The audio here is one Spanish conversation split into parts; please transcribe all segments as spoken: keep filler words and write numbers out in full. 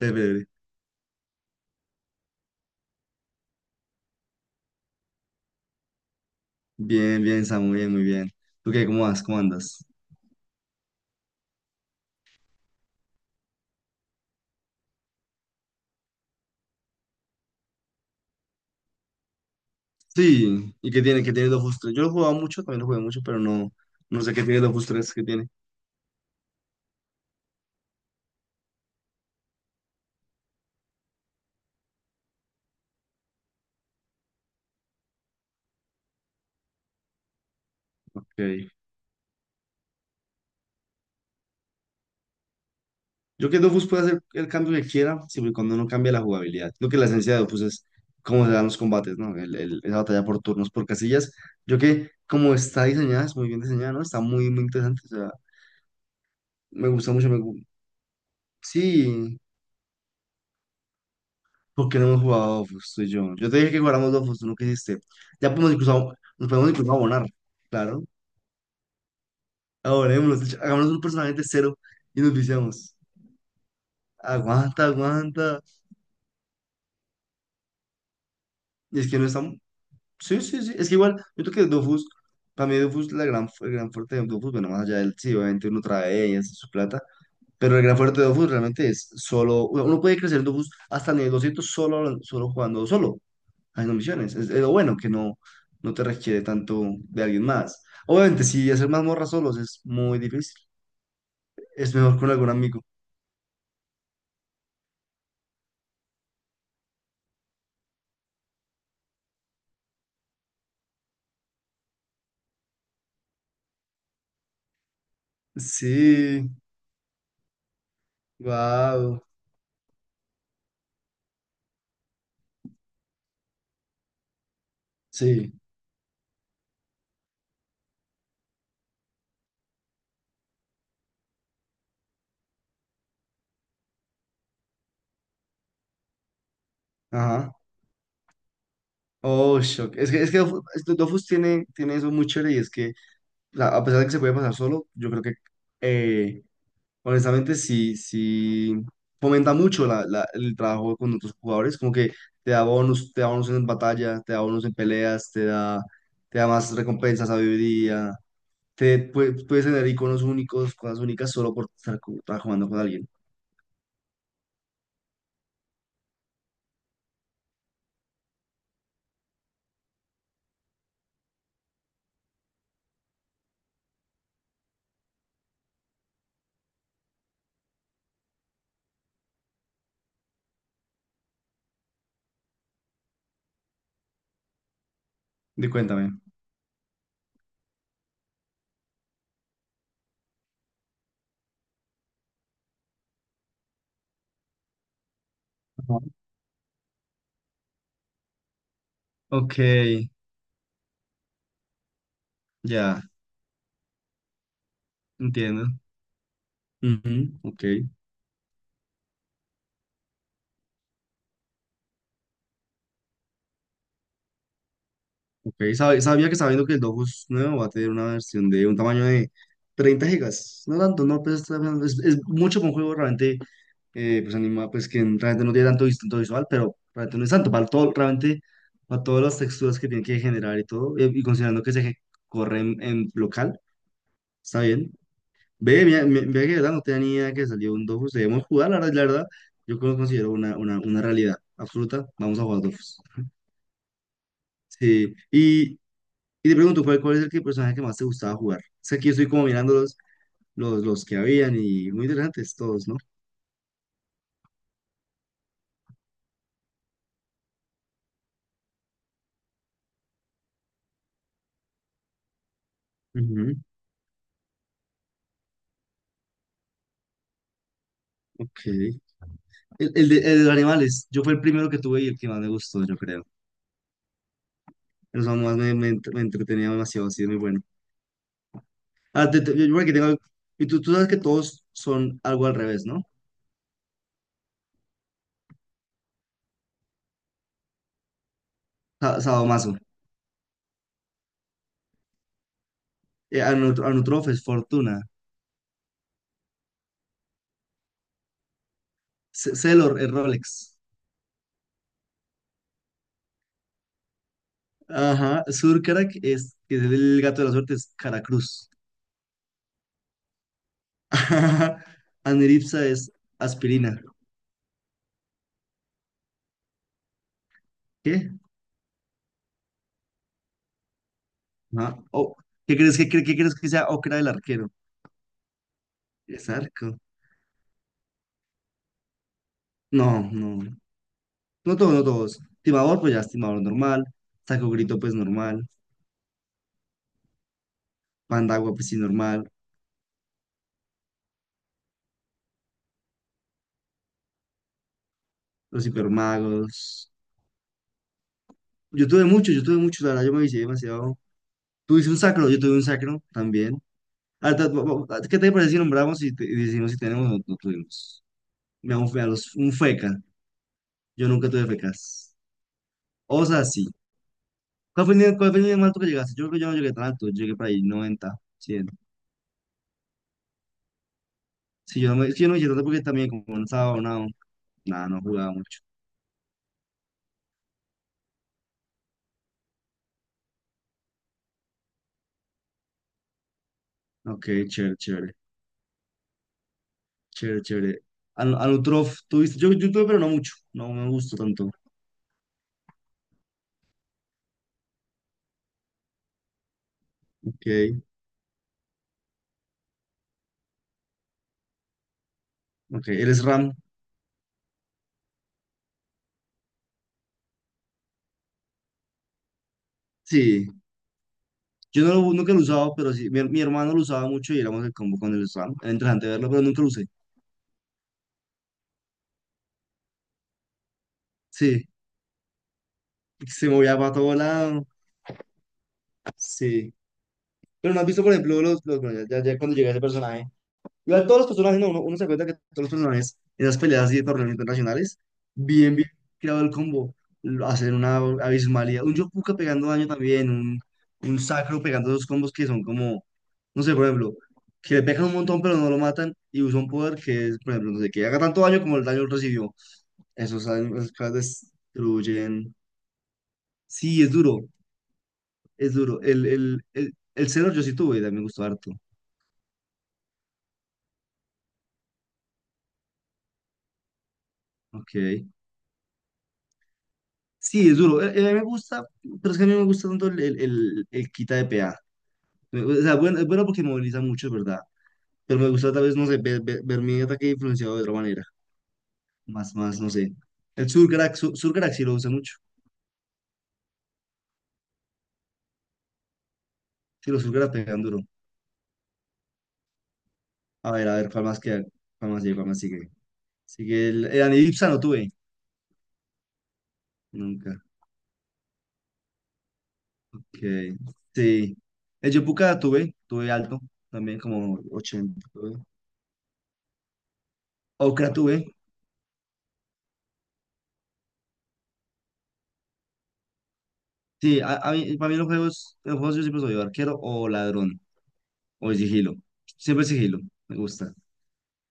Chévere. Bien, bien, Samu, bien, muy bien. ¿Tú qué? ¿Cómo vas? ¿Cómo andas? Sí, ¿y qué tiene? ¿Qué tiene Dofus tres? Yo lo jugaba mucho, también lo jugué mucho, pero no, no sé qué tiene Dofus tres qué tiene. Ok. Yo que Dofus puede hacer el cambio que quiera, siempre y cuando no cambie la jugabilidad. Lo que la esencia de Dofus es cómo se dan los combates, ¿no? El, el- esa batalla por turnos, por casillas. Yo que como está diseñada, es muy bien diseñada, ¿no? Está muy, muy interesante, o sea, me gusta mucho, me gu- Sí. ¿Por qué no hemos jugado Dofus, tú y yo? Yo te dije que jugáramos Dofus, tú no quisiste. Ya podemos incluso, nos podemos incluso abonar, claro. Abonémonos, de hecho, hagámonos un personaje de cero y nos viciamos. Aguanta, aguanta. Y es que no estamos. Sí, sí, sí. Es que igual, yo creo que Dofus, para mí Dofus, la gran, el gran fuerte de Dofus, bueno, más allá del, sí, obviamente uno trae y hace su plata, pero el gran fuerte de Dofus realmente es solo. Uno puede crecer en Dofus hasta nivel doscientos solo, solo jugando solo, haciendo misiones. Es, es lo bueno que no, no te requiere tanto de alguien más. Obviamente, si hacer mazmorras solos es muy difícil. Es mejor con algún amigo. Sí, wow. Sí, ajá. Oh, shock. Es que, es que Dofus, es que Dofus tiene, tiene eso muy chévere y es que la- a pesar de que se puede pasar solo, yo creo que eh, honestamente, sí, sí fomenta mucho la- la- el trabajo con otros jugadores, como que te da bonus, te da bonus en batalla, te da bonus en peleas, te da, te da más recompensas, sabiduría, te pue- puedes tener iconos únicos, cosas únicas solo por estar co- trabajando con alguien. Y cuéntame. Ajá. Ok, ya, entiendo. Ujú, ok. Ok, sabe- sabía que sabiendo que el Dofus nuevo va a tener una versión de un tamaño de treinta gigas. No tanto, no, pues está bien, es, es mucho para un juego realmente, eh, pues anima, pues que realmente no tiene tanto distinto visual, pero realmente no es tanto, para todo, realmente para todas las texturas que tiene que generar y todo, eh, y considerando que se eje- corre en, en, local, está bien. Ve, mira, me- ve que de verdad no tenía ni idea que salió un Dofus, debemos jugar, la verdad, la verdad, yo lo considero una, una, una realidad absoluta, vamos a jugar Dofus. Sí, y. Y te pregunto, ¿cuál, cuál es el que- personaje que más te gustaba jugar? Sé que yo estoy como mirando los, los, los que habían y muy interesantes todos, ¿no? Ujú, ok. El, el de, el de los animales, yo fue el primero que tuve y el que más me gustó, yo creo. Los más me, me, ent- me entretenía demasiado, así es muy bueno. Ah, te- te- yo creo que tengo... Y tú, tú sabes que todos son algo al revés, ¿no? Sa- Sadomaso. Eh, Anut- Anutrofes, Fortuna. Ce- Celor, el Rolex. Ajá. Surkarak es, que es el gato de la suerte, es Caracruz. Aniripsa es aspirina. ¿Qué? No. Oh, ¿qué crees que cre- qué crees que sea ocra del arquero? Es arco. No, no. No todos, no todos. Timador, pues ya es timador normal. Saco grito, pues normal. Pandagua, pues sí, normal. Los hipermagos. Yo tuve muchos, yo tuve muchos, la verdad, yo me vicié demasiado. Tuviste un sacro, yo tuve un sacro también. Ahorita, va- va- ¿qué te parece si nombramos y, te- y decimos si tenemos o no tuvimos? Veamos, veamos, un feca. Yo nunca tuve fecas. Osa, sí. ¿Cuál fue el nivel, cuál fue el nivel más alto que llegaste? Yo creo que yo no llegué tan alto, yo llegué para ahí noventa, cien. Sí, yo no me, si yo no llegué tanto porque también como no estaba abonado, nada, no jugaba mucho. Ok, chévere, chévere, chévere, chévere. Al, al Anutrof, tuviste, yo, yo tuve, pero no mucho, no me gustó tanto. Ok, ok, ¿eres RAM? Sí, yo no lo, nunca lo he usado, pero sí, mi, mi hermano lo usaba mucho y éramos el combo con el RAM. Era interesante verlo, pero nunca lo usé. Sí, porque se movía para todo lado, sí. Pero no has visto, por ejemplo, los, los, bueno, ya, ya ya cuando llegué a ese personaje. Igual todos los personajes, no, uno, uno se cuenta que todos los personajes, en esas peleas así de torneos internacionales, bien, bien creado el combo, lo- hacen una abismalidad, un Yopuka pegando daño también, un, un Sacro pegando esos combos que son como, no sé, por ejemplo, que le pegan un montón pero no lo matan y usa un poder que es, por ejemplo, no sé, que haga tanto daño como el daño recibió. Esos daños, esas cosas destruyen. Sí, es duro, es duro. El, el, el, el Xenor yo sí tuve, y también me gustó harto. Ok. Sí, es duro. Eh, eh, A mí me gusta, pero es que a mí no me gusta tanto el, el, el, el quita de P A. O sea, bueno, es bueno porque moviliza mucho, es verdad. Pero me gusta tal vez, no sé, ver, ver, ver mi ataque influenciado de otra manera. Más, más, no sé. El Surcrack, Sur- Surcrack sí lo usa mucho. Sí, los Surcrack pegan duro. A ver, a ver, ¿cuál más queda? ¿Cuál más sigue? ¿Cuál más sigue? Sigue el, el Anidipsa no tuve. Nunca. Okay. Sí. El Yopuka tuve. Tuve alto. También como ochenta tuve. Okra tuve. Sí, a, a mí, para mí los juegos, en los juegos yo siempre soy o arquero o ladrón, o de sigilo. Siempre sigilo, me gusta.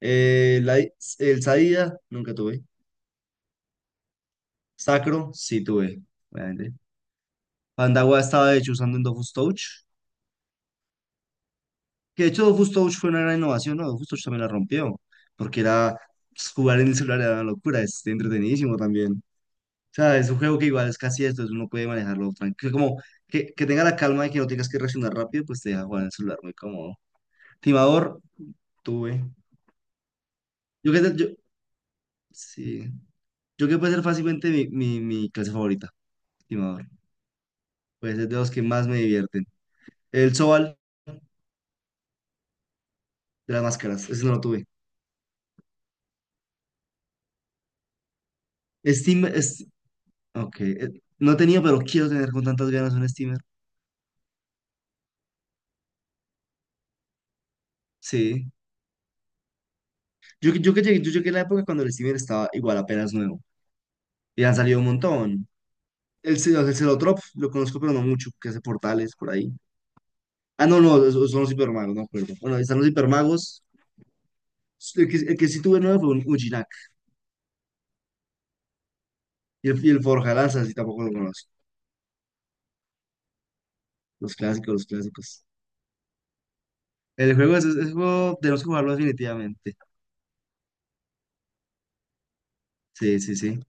Eh, la- el Sadida, nunca tuve. Sacro, sí tuve, obviamente. Pandagua estaba de hecho usando en Dofus Touch, que de hecho Dofus Touch fue una gran innovación, ¿no? Dofus Touch también la rompió, porque era pues, jugar en el celular era una locura, es entretenidísimo también. O sea, es un juego que igual es casi esto, es uno puede manejarlo tranquilo, como que, que tenga la calma de que no tengas que reaccionar rápido, pues te deja jugar en el celular muy cómodo. Timador, tuve. Yo creo que, yo, sí. Yo creo que puede ser fácilmente mi, mi, mi clase favorita, estimador. Puede ser de los que más me divierten. El Sobal de las máscaras, ese no lo tuve. Steam, es, ok. eh, No tenía, pero quiero tener con tantas ganas un steamer. Sí. Yo, que- yo que llegué, yo llegué a la época cuando el steamer estaba igual apenas nuevo. Y han salido un montón. El, ce- el Celotrop, lo conozco, pero no mucho, que hace portales por ahí. Ah, no, no, esos son los hipermagos, no acuerdo. Bueno, ahí están los hipermagos. El que, el que sí tuve nuevo fue un Ujinak. Y el, y el Forja Lanzas, y tampoco lo conozco. Los clásicos, los clásicos. El juego es, es juego, tenemos que jugarlo definitivamente. Sí, sí, sí.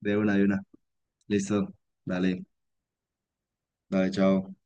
De una, de una. Listo. Dale, dale, chao.